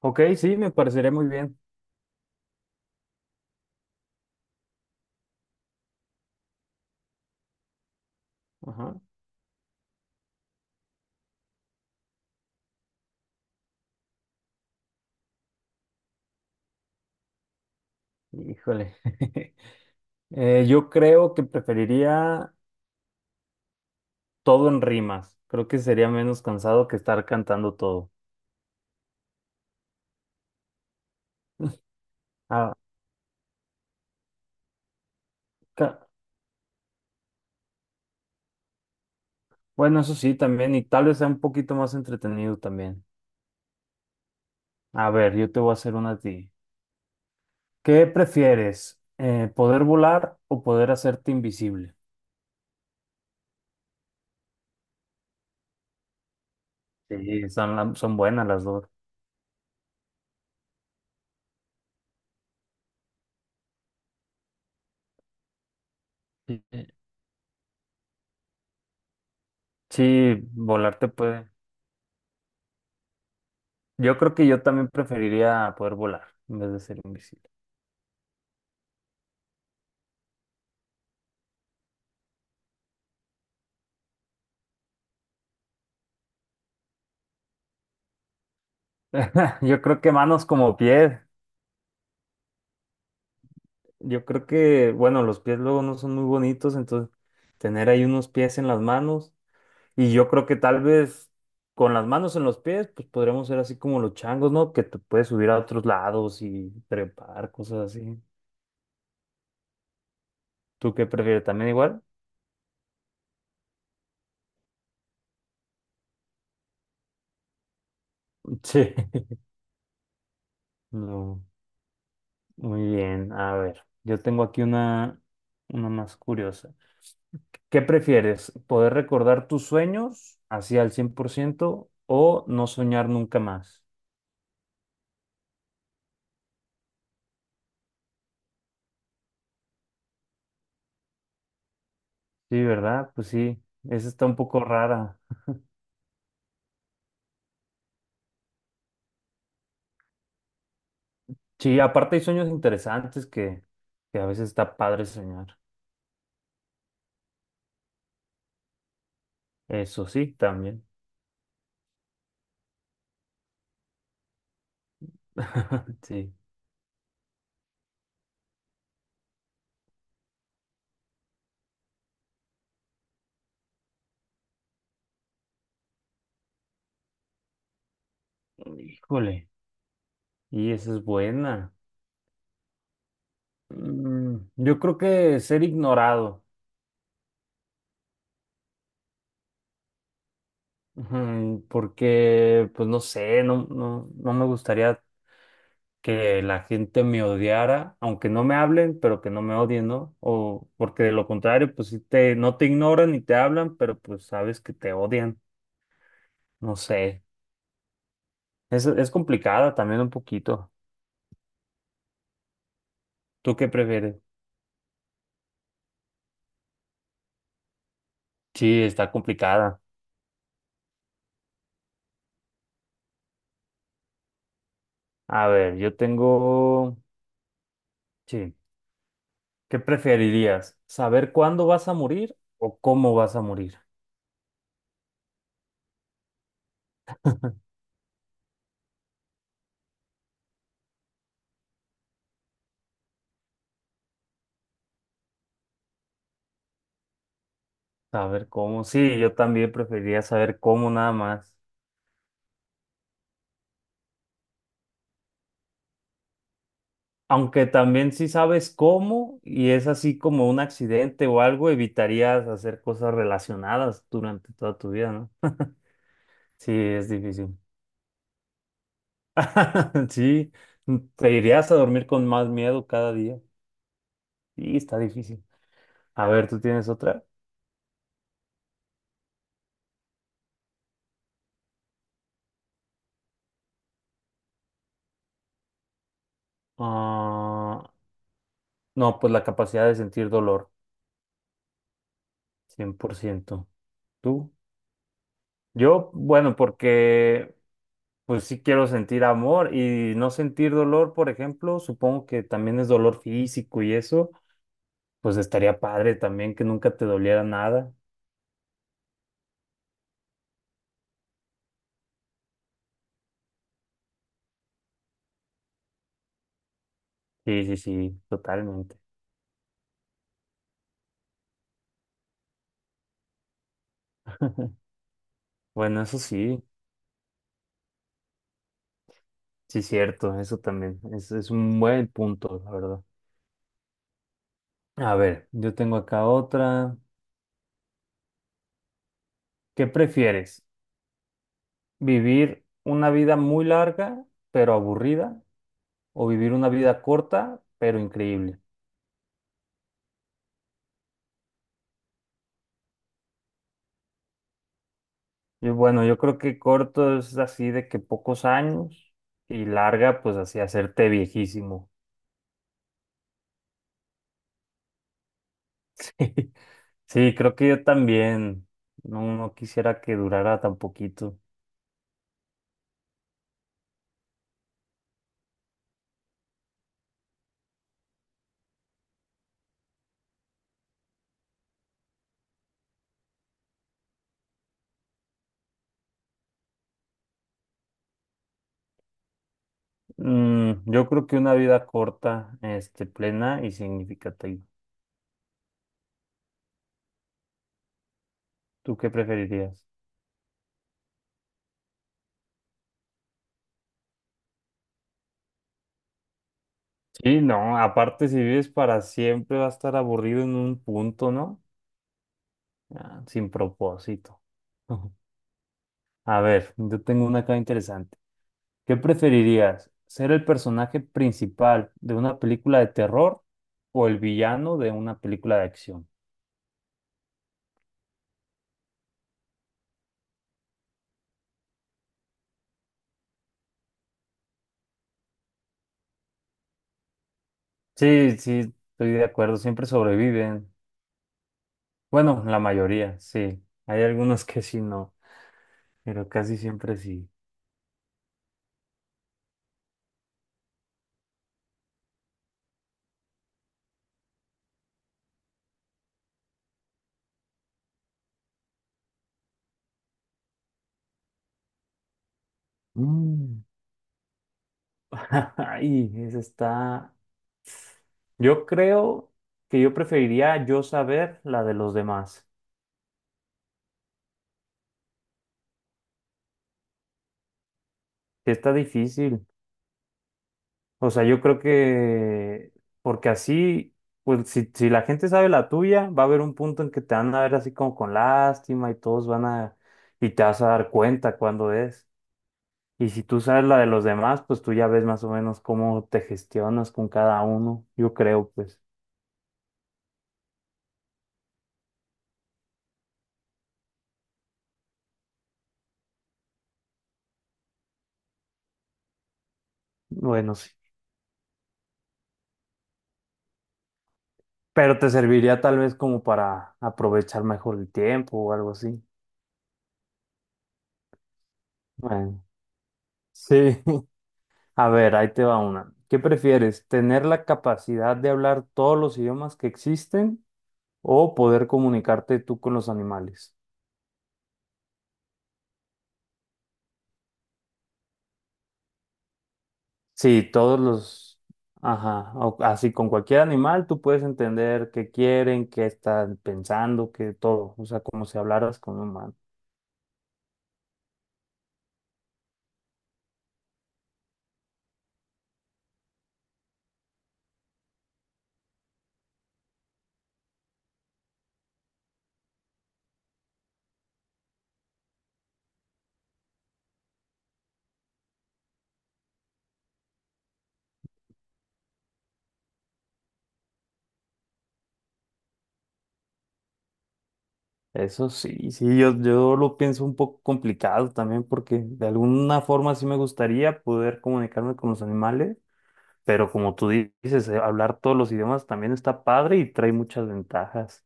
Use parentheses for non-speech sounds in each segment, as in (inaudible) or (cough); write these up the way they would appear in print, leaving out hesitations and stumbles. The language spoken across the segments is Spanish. Ok, sí, me parecería muy bien. Ajá. Híjole. (laughs) Yo creo que preferiría todo en rimas. Creo que sería menos cansado que estar cantando todo. (laughs) Ah, ca- bueno, eso sí, también, y tal vez sea un poquito más entretenido también. A ver, yo te voy a hacer una a ti. ¿Qué prefieres? ¿Poder volar o poder hacerte invisible? Sí, son, son buenas las dos. Sí, sí, volar te puede. Yo creo que yo también preferiría poder volar en vez de ser invisible. (laughs) Yo creo que manos como pies. Yo creo que, bueno, los pies luego no son muy bonitos, entonces tener ahí unos pies en las manos. Y yo creo que tal vez con las manos en los pies, pues podríamos ser así como los changos, ¿no? Que te puedes subir a otros lados y trepar, cosas así. ¿Tú qué prefieres? ¿También igual? (laughs) Sí. No. Muy bien. A ver, yo tengo aquí una más curiosa. ¿Qué prefieres? ¿Poder recordar tus sueños así al 100% o no soñar nunca más? Sí, ¿verdad? Pues sí, esa está un poco rara. Sí, aparte hay sueños interesantes que a veces está padre soñar. Eso sí, también. (laughs) Sí. Híjole. Y esa es buena. Mm, yo creo que ser ignorado. Ujú. Porque, pues no sé, no me gustaría que la gente me odiara, aunque no me hablen, pero que no me odien, ¿no? O porque de lo contrario, pues sí te, no te ignoran ni te hablan, pero pues sabes que te odian. No sé. Es complicada también un poquito. ¿Tú qué prefieres? Sí, está complicada. A ver, yo tengo... Sí. ¿Qué preferirías? ¿Saber cuándo vas a morir o cómo vas a morir? Saber cómo. Sí, yo también preferiría saber cómo nada más. Aunque también si sabes cómo y es así como un accidente o algo, evitarías hacer cosas relacionadas durante toda tu vida, ¿no? Sí, es difícil. (laughs) Sí, te irías a dormir con más miedo cada día. Sí, está difícil. A ver, ¿tú tienes otra? Ah, no, pues la capacidad de sentir dolor, 100%. ¿Tú? Yo, bueno, porque pues sí quiero sentir amor y no sentir dolor, por ejemplo, supongo que también es dolor físico y eso. Pues estaría padre también que nunca te doliera nada. Sí, sí, sí, totalmente. (laughs) Bueno, eso sí, sí, cierto, eso también. Es un buen punto, la verdad. A ver, yo tengo acá otra. ¿Qué prefieres? ¿Vivir una vida muy larga, pero aburrida? ¿O vivir una vida corta, pero increíble? Y bueno, yo creo que corto es así de que pocos años y larga, pues así hacerte viejísimo. (laughs) Sí, creo que yo también. No, no quisiera que durara tan poquito. Mm, yo creo que una vida corta, este, plena y significativa. ¿Tú qué preferirías? Sí, no, aparte si vives para siempre va a estar aburrido en un punto, ¿no? Ah, sin propósito. (laughs) A ver, yo tengo una acá interesante. ¿Qué preferirías? ¿Ser el personaje principal de una película de terror o el villano de una película de acción? Sí, sí, estoy de acuerdo, siempre sobreviven. Bueno, la mayoría, sí. Hay algunos que sí no, pero casi siempre sí. Mm. (laughs) Ay, esa está. Yo creo que yo preferiría yo saber la de los demás. Que Está difícil. O sea, yo creo que porque así, pues si, si la gente sabe la tuya, va a haber un punto en que te van a ver así como con lástima y todos van a y te vas a dar cuenta cuándo es. Y si tú sabes la de los demás, pues tú ya ves más o menos cómo te gestionas con cada uno. Yo creo, pues, bueno, sí. Pero te serviría tal vez como para aprovechar mejor el tiempo o algo así. Bueno, sí. (laughs) A ver, ahí te va una. ¿Qué prefieres? ¿Tener la capacidad de hablar todos los idiomas que existen o poder comunicarte tú con los animales? Sí, ajá, así con cualquier animal tú puedes entender qué quieren, qué están pensando, qué todo, o sea, como si hablaras con un humano. Eso sí, sí, yo lo pienso un poco complicado también porque de alguna forma sí me gustaría poder comunicarme con los animales, pero como tú dices, hablar todos los idiomas también está padre y trae muchas ventajas.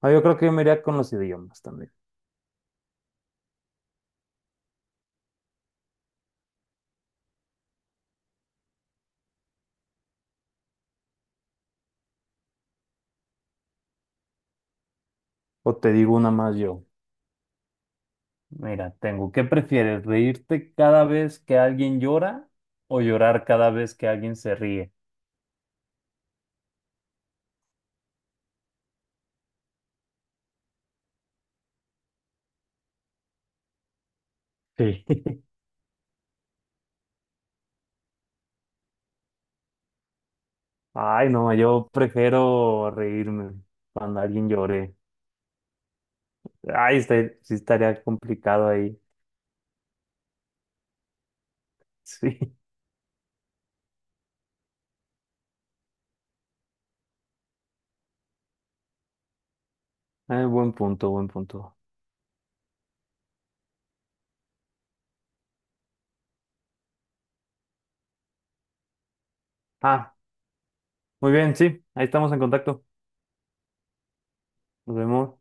Ah, yo creo que yo me iría con los idiomas también. O te digo una más yo. Mira, tengo, ¿qué prefieres? ¿Reírte cada vez que alguien llora o llorar cada vez que alguien se ríe? Sí. (laughs) Ay, no, yo prefiero reírme cuando alguien llore. Ay, sí estaría complicado ahí. (laughs) Sí, Ay, buen punto, buen punto. Ah, muy bien, sí, ahí estamos en contacto. Nos vemos.